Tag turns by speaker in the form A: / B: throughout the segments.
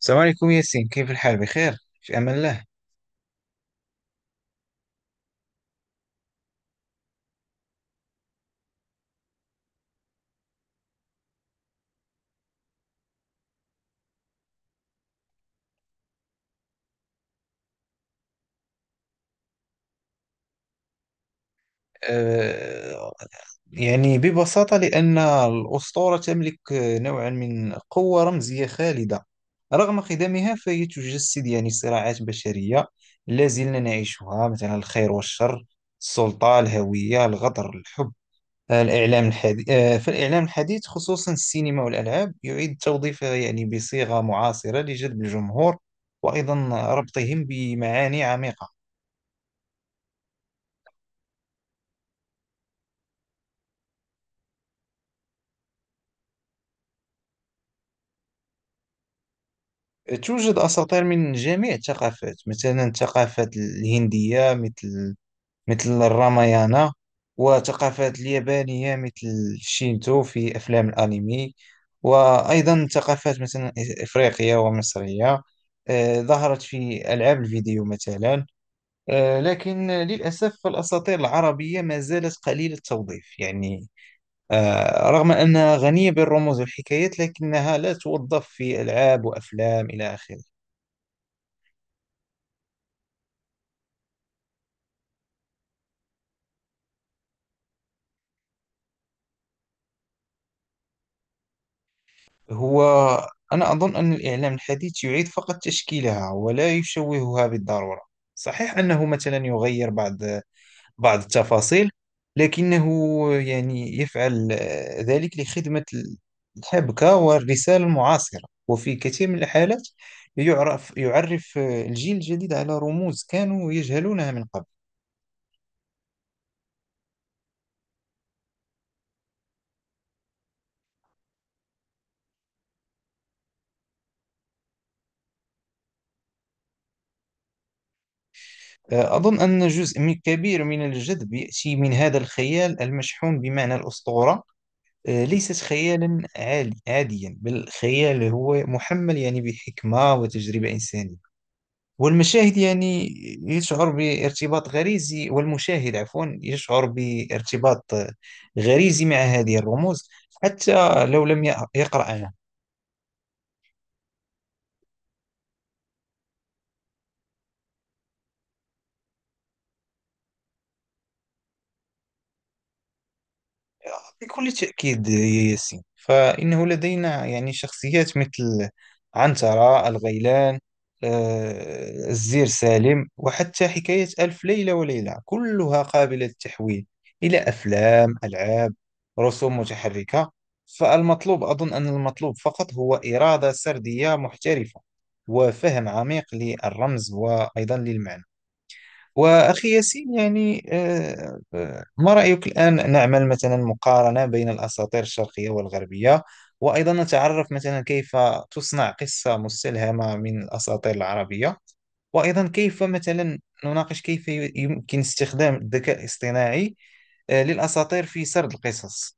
A: السلام عليكم ياسين، كيف الحال؟ بخير في أمان الله. أه يعني ببساطة لأن الأسطورة تملك نوعا من قوة رمزية خالدة رغم خدمها، فهي تجسد يعني صراعات بشرية لا زلنا نعيشها، مثلا الخير والشر، السلطة، الهوية، الغدر، الحب. آه، الإعلام الحديث آه، فالإعلام الحديث خصوصا السينما والألعاب يعيد توظيفها يعني بصيغة معاصرة لجذب الجمهور، وأيضا ربطهم بمعاني عميقة. توجد أساطير من جميع الثقافات، مثلا الثقافة الهندية مثل الرامايانا، وثقافات اليابانية مثل الشينتو في أفلام الأنمي، وأيضا ثقافات مثلا إفريقية ومصرية ظهرت في ألعاب الفيديو مثلا. لكن للأسف الأساطير العربية ما زالت قليلة التوظيف يعني، رغم أنها غنية بالرموز والحكايات لكنها لا توظف في ألعاب وأفلام إلى آخره. هو أنا أظن أن الإعلام الحديث يعيد فقط تشكيلها ولا يشوهها بالضرورة. صحيح أنه مثلا يغير بعض التفاصيل، لكنه يعني يفعل ذلك لخدمة الحبكة والرسالة المعاصرة، وفي كثير من الحالات يعرف الجيل الجديد على رموز كانوا يجهلونها من قبل. أظن أن كبير من الجذب يأتي من هذا الخيال المشحون بمعنى الأسطورة. ليست خيالا عالي عاديا، بل خيال هو محمل يعني بحكمة وتجربة إنسانية، والمشاهد يعني يشعر بارتباط غريزي. والمشاهد عفوا يشعر بارتباط غريزي مع هذه الرموز حتى لو لم يقرأها. بكل تأكيد يا ياسين، فإنه لدينا يعني شخصيات مثل عنترة، الغيلان، الزير سالم، وحتى حكاية ألف ليلة وليلة، كلها قابلة للتحويل إلى أفلام، ألعاب، رسوم متحركة. فالمطلوب أظن أن المطلوب فقط هو إرادة سردية محترفة وفهم عميق للرمز وأيضا للمعنى. وأخي ياسين يعني، ما رأيك الآن نعمل مثلا مقارنة بين الأساطير الشرقية والغربية، وأيضا نتعرف مثلا كيف تصنع قصة مستلهمة من الأساطير العربية، وأيضا كيف مثلا نناقش كيف يمكن استخدام الذكاء الاصطناعي للأساطير في سرد القصص؟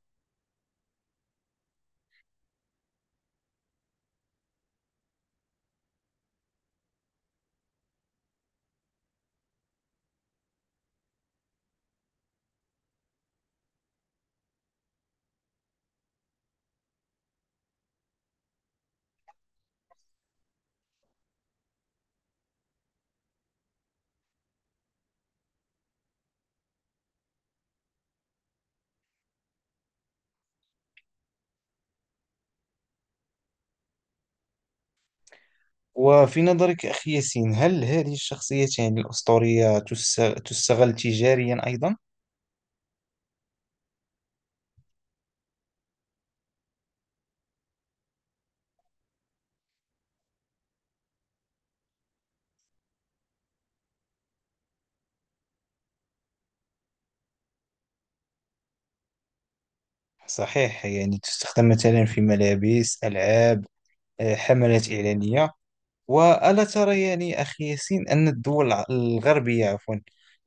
A: وفي نظرك أخي ياسين، هل هذه الشخصيتين الأسطورية تستغل تجاريا أيضا؟ صحيح، يعني تستخدم مثلا في ملابس، ألعاب، حملات إعلانية. وألا ترى يعني أخي ياسين أن الدول الغربية عفوا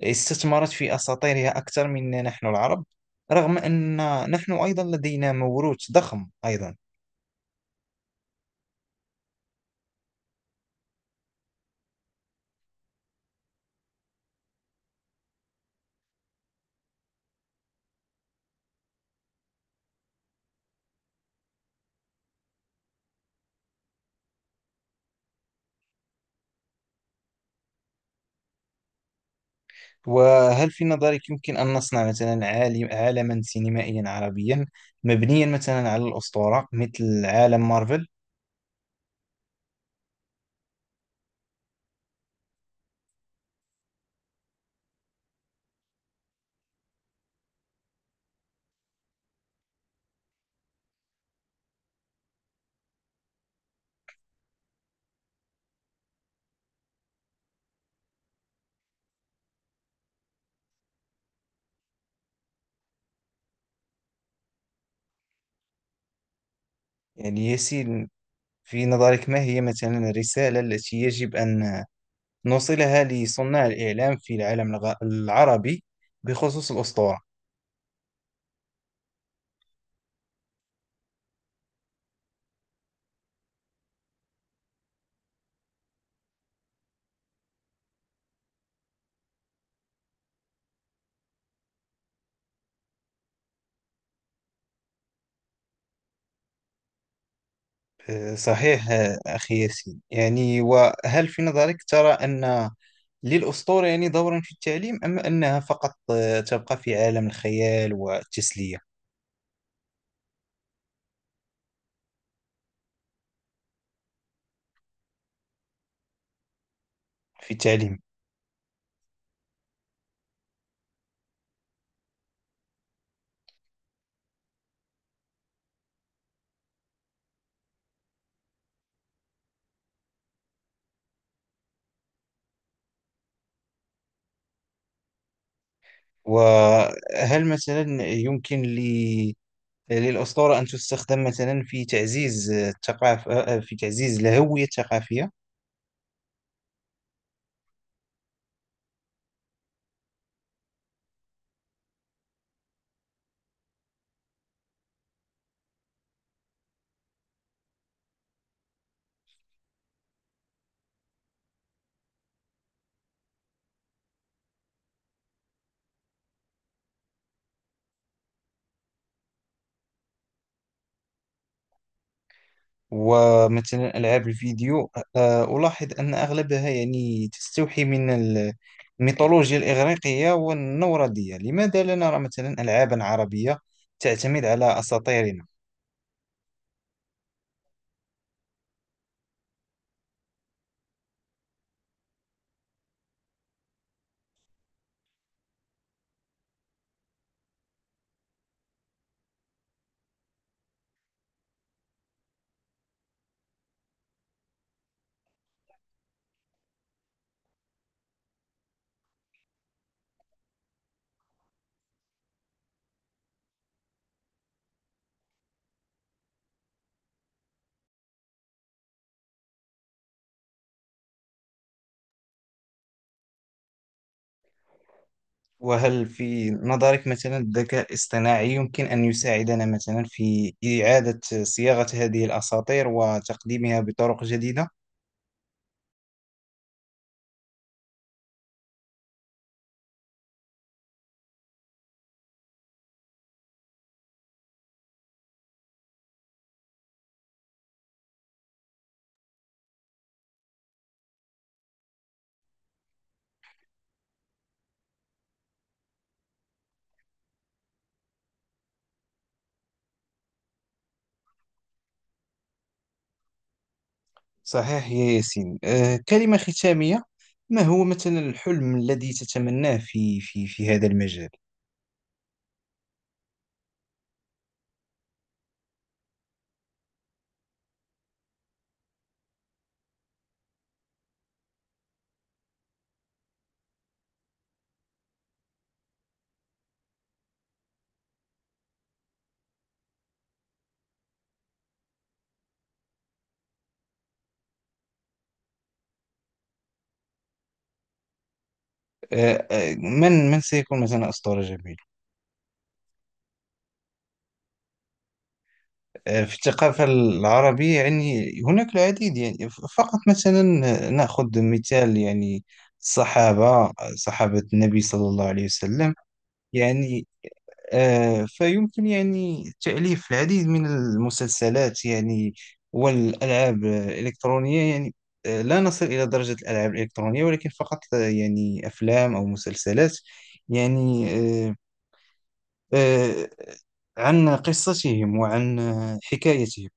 A: استثمرت في أساطيرها أكثر منا نحن العرب، رغم أن نحن أيضا لدينا موروث ضخم أيضا؟ وهل في نظرك يمكن أن نصنع مثلا عالم عالما سينمائيا عربيا مبنيا مثلا على الأسطورة مثل عالم مارفل؟ يعني ياسين، في نظرك ما هي مثلا الرسالة التي يجب أن نوصلها لصناع الإعلام في العالم العربي بخصوص الأسطورة؟ صحيح. أخي ياسين يعني، وهل في نظرك ترى أن للأسطورة يعني دورا في التعليم، أم أنها فقط تبقى في عالم الخيال والتسلية؟ في التعليم. وهل مثلا يمكن ل للأسطورة أن تستخدم مثلا في تعزيز الثقافة، في تعزيز الهوية الثقافية؟ ومثلا ألعاب الفيديو، ألاحظ أن أغلبها يعني تستوحي من الميثولوجيا الإغريقية والنوردية، لماذا لا نرى مثلا ألعابا عربية تعتمد على أساطيرنا؟ وهل في نظرك مثلا الذكاء الاصطناعي يمكن أن يساعدنا مثلا في إعادة صياغة هذه الأساطير وتقديمها بطرق جديدة؟ صحيح يا ياسين. كلمة ختامية، ما هو مثلا الحلم الذي تتمناه في هذا المجال؟ من سيكون مثلا إصدار جميل في الثقافة العربية؟ يعني هناك العديد يعني، فقط مثلا نأخذ مثال يعني الصحابة، صحابة النبي صلى الله عليه وسلم، يعني فيمكن يعني تأليف العديد من المسلسلات يعني والألعاب الإلكترونية يعني. لا نصل إلى درجة الألعاب الإلكترونية، ولكن فقط يعني أفلام أو مسلسلات يعني، آه، عن قصتهم وعن حكايتهم.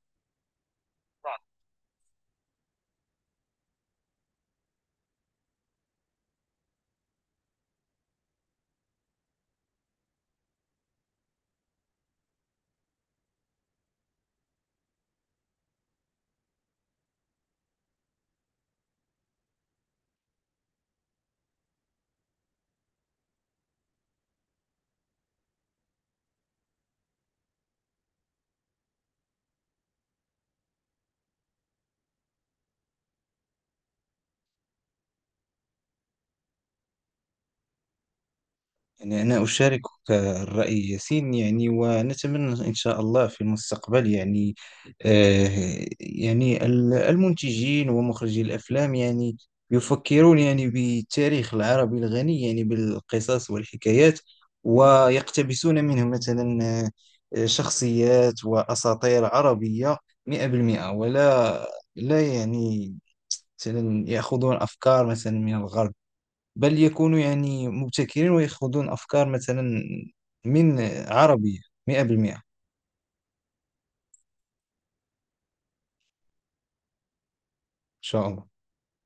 A: يعني أنا أشاركك الرأي ياسين، يعني ونتمنى إن شاء الله في المستقبل يعني يعني المنتجين ومخرجي الأفلام يعني يفكرون يعني بالتاريخ العربي الغني يعني بالقصص والحكايات، ويقتبسون منه مثلا شخصيات وأساطير عربية 100%، ولا لا يعني مثلا يأخذون أفكار مثلا من الغرب، بل يكونوا يعني مبتكرين، ويأخذون أفكار مثلا من عربية 100%. إن شاء الله.